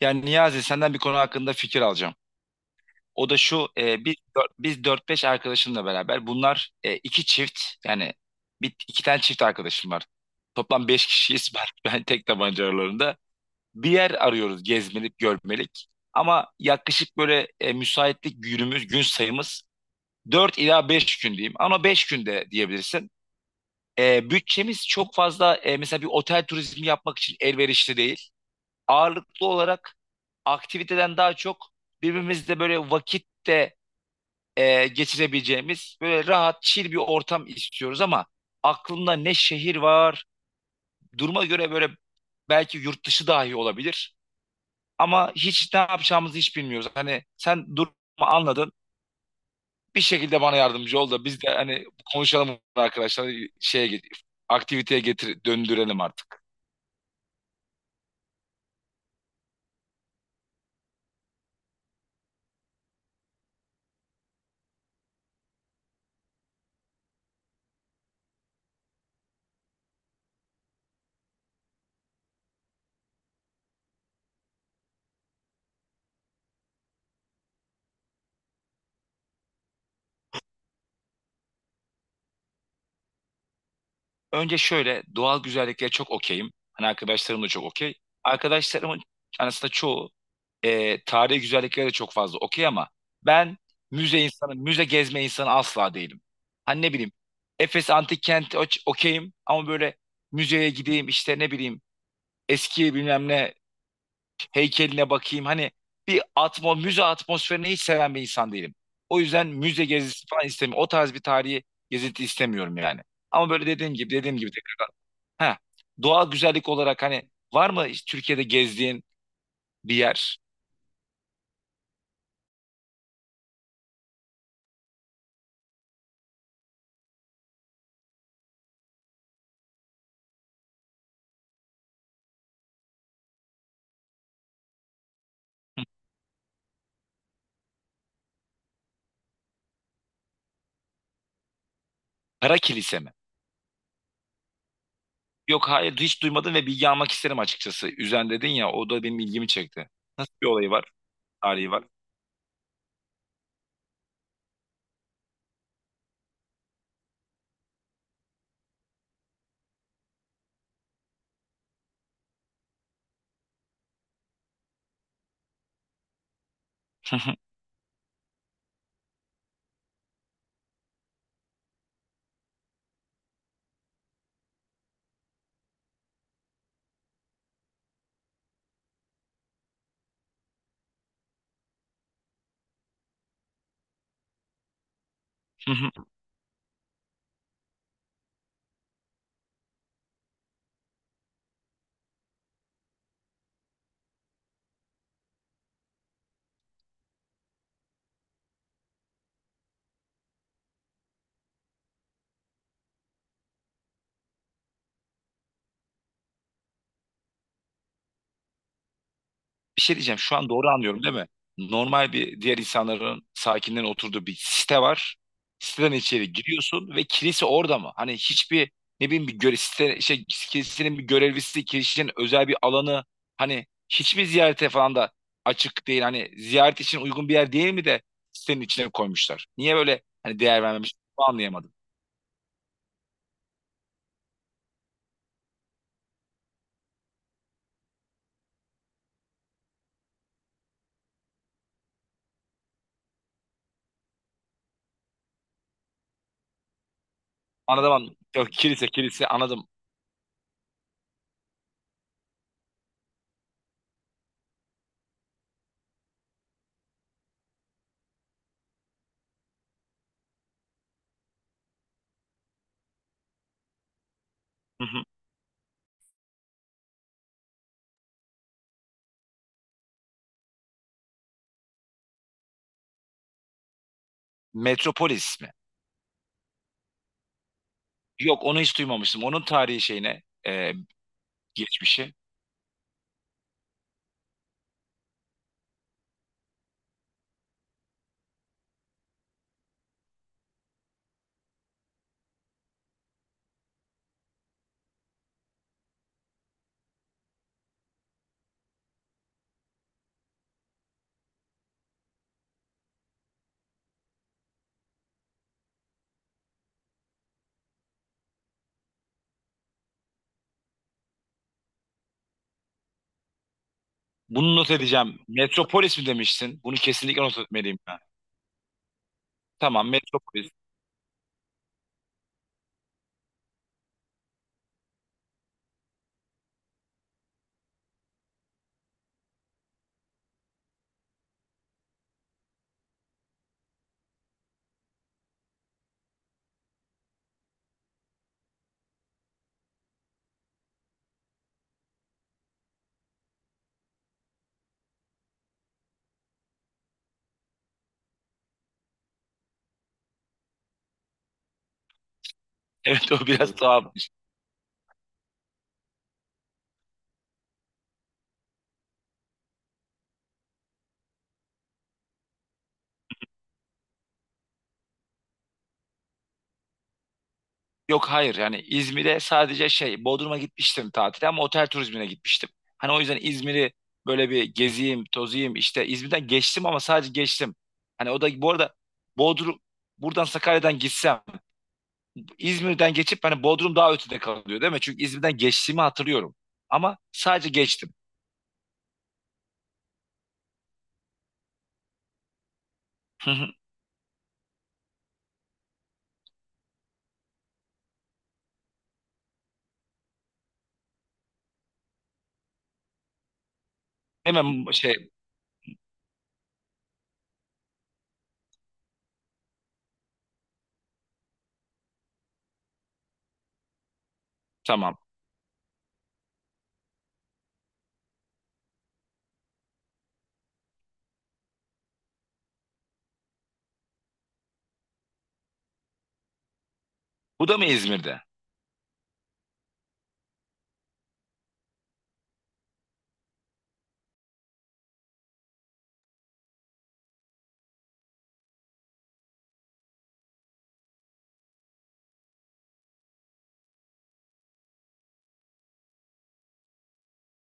Yani Niyazi senden bir konu hakkında fikir alacağım. O da şu biz dört beş arkadaşımla beraber bunlar iki çift yani bir, iki tane çift arkadaşım var. Toplam 5 kişiyiz ben tek tabanca aralarında. Bir yer arıyoruz gezmelik görmelik ama yaklaşık böyle müsaitlik günümüz gün sayımız 4 ila 5 gün diyeyim ama 5 günde diyebilirsin. Bütçemiz çok fazla mesela bir otel turizmi yapmak için elverişli değil, ağırlıklı olarak aktiviteden daha çok birbirimizle böyle vakitte geçirebileceğimiz böyle rahat, chill bir ortam istiyoruz. Ama aklımda ne şehir var, duruma göre böyle belki yurt dışı dahi olabilir, ama hiç ne yapacağımızı hiç bilmiyoruz. Hani sen durumu anladın, bir şekilde bana yardımcı ol da biz de hani konuşalım arkadaşlar, şeye aktiviteye getir döndürelim artık. Önce şöyle doğal güzelliklere çok okeyim. Hani arkadaşlarım da çok okey. Arkadaşlarımın aslında çoğu tarihi güzelliklere de çok fazla okey ama ben müze insanı, müze gezme insanı asla değilim. Hani ne bileyim, Efes Antik Kenti okeyim, ama böyle müzeye gideyim, işte ne bileyim eski bilmem ne heykeline bakayım. Hani bir müze atmosferini hiç seven bir insan değilim. O yüzden müze gezisi falan istemiyorum. O tarz bir tarihi gezinti istemiyorum yani. Ama böyle dediğim gibi. Ha, doğal güzellik olarak hani var mı hiç Türkiye'de gezdiğin bir yer? Hı. Kara kilise mi? Yok, hayır hiç duymadım ve bilgi almak isterim açıkçası. Üzen dedin ya, o da benim ilgimi çekti. Nasıl bir olayı var? Tarihi var. Bir şey diyeceğim. Şu an doğru anlıyorum değil mi? Normal bir diğer insanların, sakinlerin oturduğu bir site var. Siteden içeri giriyorsun ve kilise orada mı? Hani hiçbir ne bileyim, bir göre, site, kilisenin bir görevlisi, kilisenin özel bir alanı, hani hiçbir ziyarete falan da açık değil. Hani ziyaret için uygun bir yer değil mi de sitenin içine koymuşlar. Niye böyle hani değer vermemiş? Bunu anlayamadım. Anladım, anladım. Yok, kilise, kilise, anladım. Hı hı. Metropolis mi? Yok, onu hiç duymamıştım. Onun tarihi şeyine e, geçmişi. Bunu not edeceğim. Metropolis mi demiştin? Bunu kesinlikle not etmeliyim ben. Tamam, Metropolis. Evet, o biraz tuhafmış. Yok hayır yani İzmir'e sadece şey Bodrum'a gitmiştim tatile, ama otel turizmine gitmiştim. Hani o yüzden İzmir'i böyle bir geziyim, tozayım işte, İzmir'den geçtim ama sadece geçtim. Hani o da bu arada Bodrum, buradan Sakarya'dan gitsem İzmir'den geçip hani Bodrum daha ötede kalıyor değil mi? Çünkü İzmir'den geçtiğimi hatırlıyorum. Ama sadece geçtim. Hemen şey, tamam. Bu da mı İzmir'de?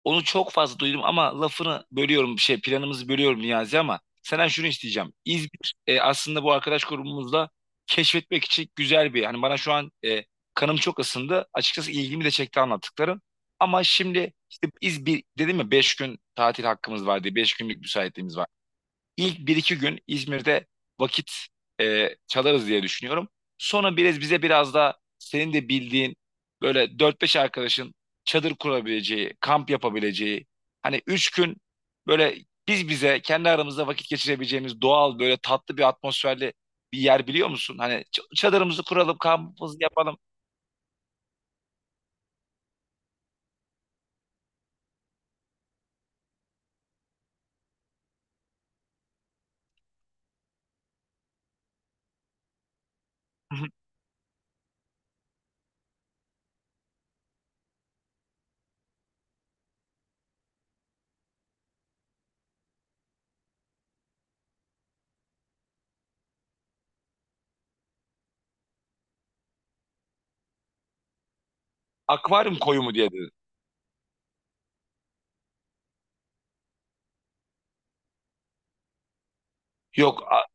Onu çok fazla duydum, ama lafını bölüyorum, bir şey, planımızı bölüyorum Niyazi, ama senden şunu isteyeceğim. İzmir aslında bu arkadaş grubumuzla keşfetmek için güzel bir, hani bana şu an kanım çok ısındı. Açıkçası ilgimi de çekti anlattıkların. Ama şimdi işte, İzmir dedim ya, 5 gün tatil hakkımız var diye, 5 günlük müsaitliğimiz var. İlk bir iki gün İzmir'de vakit çalarız diye düşünüyorum. Sonra biraz bize, biraz da senin de bildiğin böyle dört beş arkadaşın çadır kurabileceği, kamp yapabileceği, hani 3 gün böyle biz bize kendi aramızda vakit geçirebileceğimiz doğal, böyle tatlı bir atmosferli bir yer biliyor musun? Hani çadırımızı kuralım, kampımızı yapalım. Akvaryum koyu mu diye dedi. Yok, a-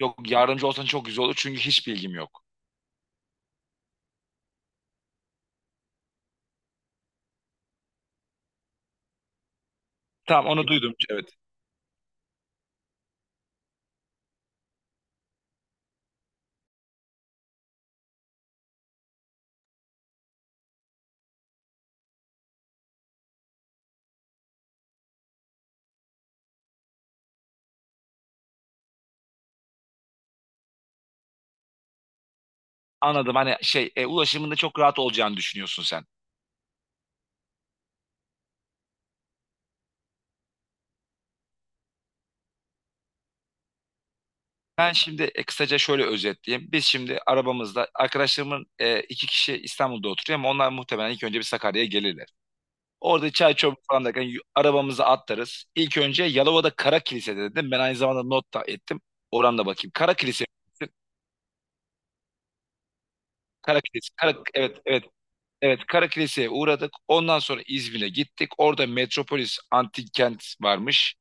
yok, yardımcı olsan çok güzel olur çünkü hiç bilgim yok. Tamam, onu duydum. Evet. Anladım. Hani şey, ulaşımında çok rahat olacağını düşünüyorsun sen. Ben şimdi kısaca şöyle özetleyeyim. Biz şimdi arabamızda arkadaşlarımın iki kişi İstanbul'da oturuyor, ama onlar muhtemelen ilk önce bir Sakarya'ya gelirler. Orada çay çorba falan derken arabamızı atlarız. İlk önce Yalova'da Kara Kilise dedim. Ben aynı zamanda not da ettim. Oradan da bakayım. Kara Kilise. Kara Kilise. Kara, evet, evet. Evet, Kara Kilise'ye uğradık. Ondan sonra İzmir'e gittik. Orada Metropolis Antik Kent varmış.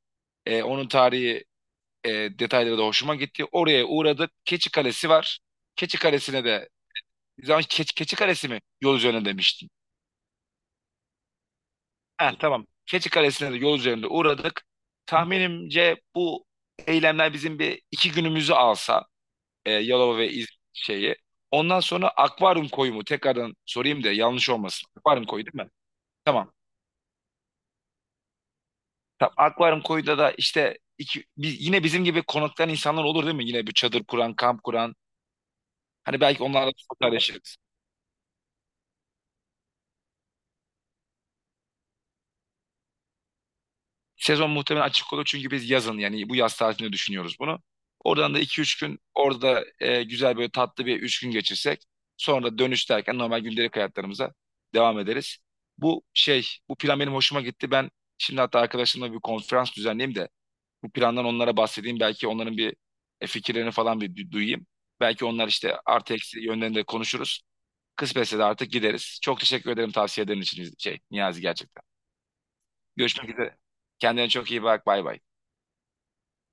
Onun tarihi e, detayları da hoşuma gitti. Oraya uğradık. Keçi Kalesi var. Keçi Kalesi'ne de zaman, Keçi, Keçi Kalesi mi yol üzerine demiştin. Ha, tamam. Keçi Kalesi'ne de yol üzerinde uğradık. Tahminimce bu eylemler bizim bir iki günümüzü alsa Yalova ve İz şeyi. Ondan sonra akvaryum koyu mu? Tekrardan sorayım da yanlış olmasın. Akvaryum koyu değil mi? Tamam. Tamam. Akvaryum koyuda da işte iki, yine bizim gibi konaklayan insanlar olur değil mi? Yine bir çadır kuran, kamp kuran. Hani belki onlarla sosyalleşiriz. Sezon muhtemelen açık olur çünkü biz yazın, yani bu yaz tatilinde düşünüyoruz bunu. Oradan da iki üç gün orada güzel böyle tatlı bir 3 gün geçirsek, sonra dönüş derken normal gündelik hayatlarımıza devam ederiz. Bu şey, bu plan benim hoşuma gitti. Ben şimdi hatta arkadaşımla bir konferans düzenleyeyim de bu plandan onlara bahsedeyim. Belki onların bir fikirlerini falan bir duyayım. Belki onlar işte artı eksi yönlerini de konuşuruz. Kısmetse de artık gideriz. Çok teşekkür ederim tavsiyelerin için, şey Niyazi, gerçekten. Görüşmek üzere. Kendine çok iyi bak. Bay bay.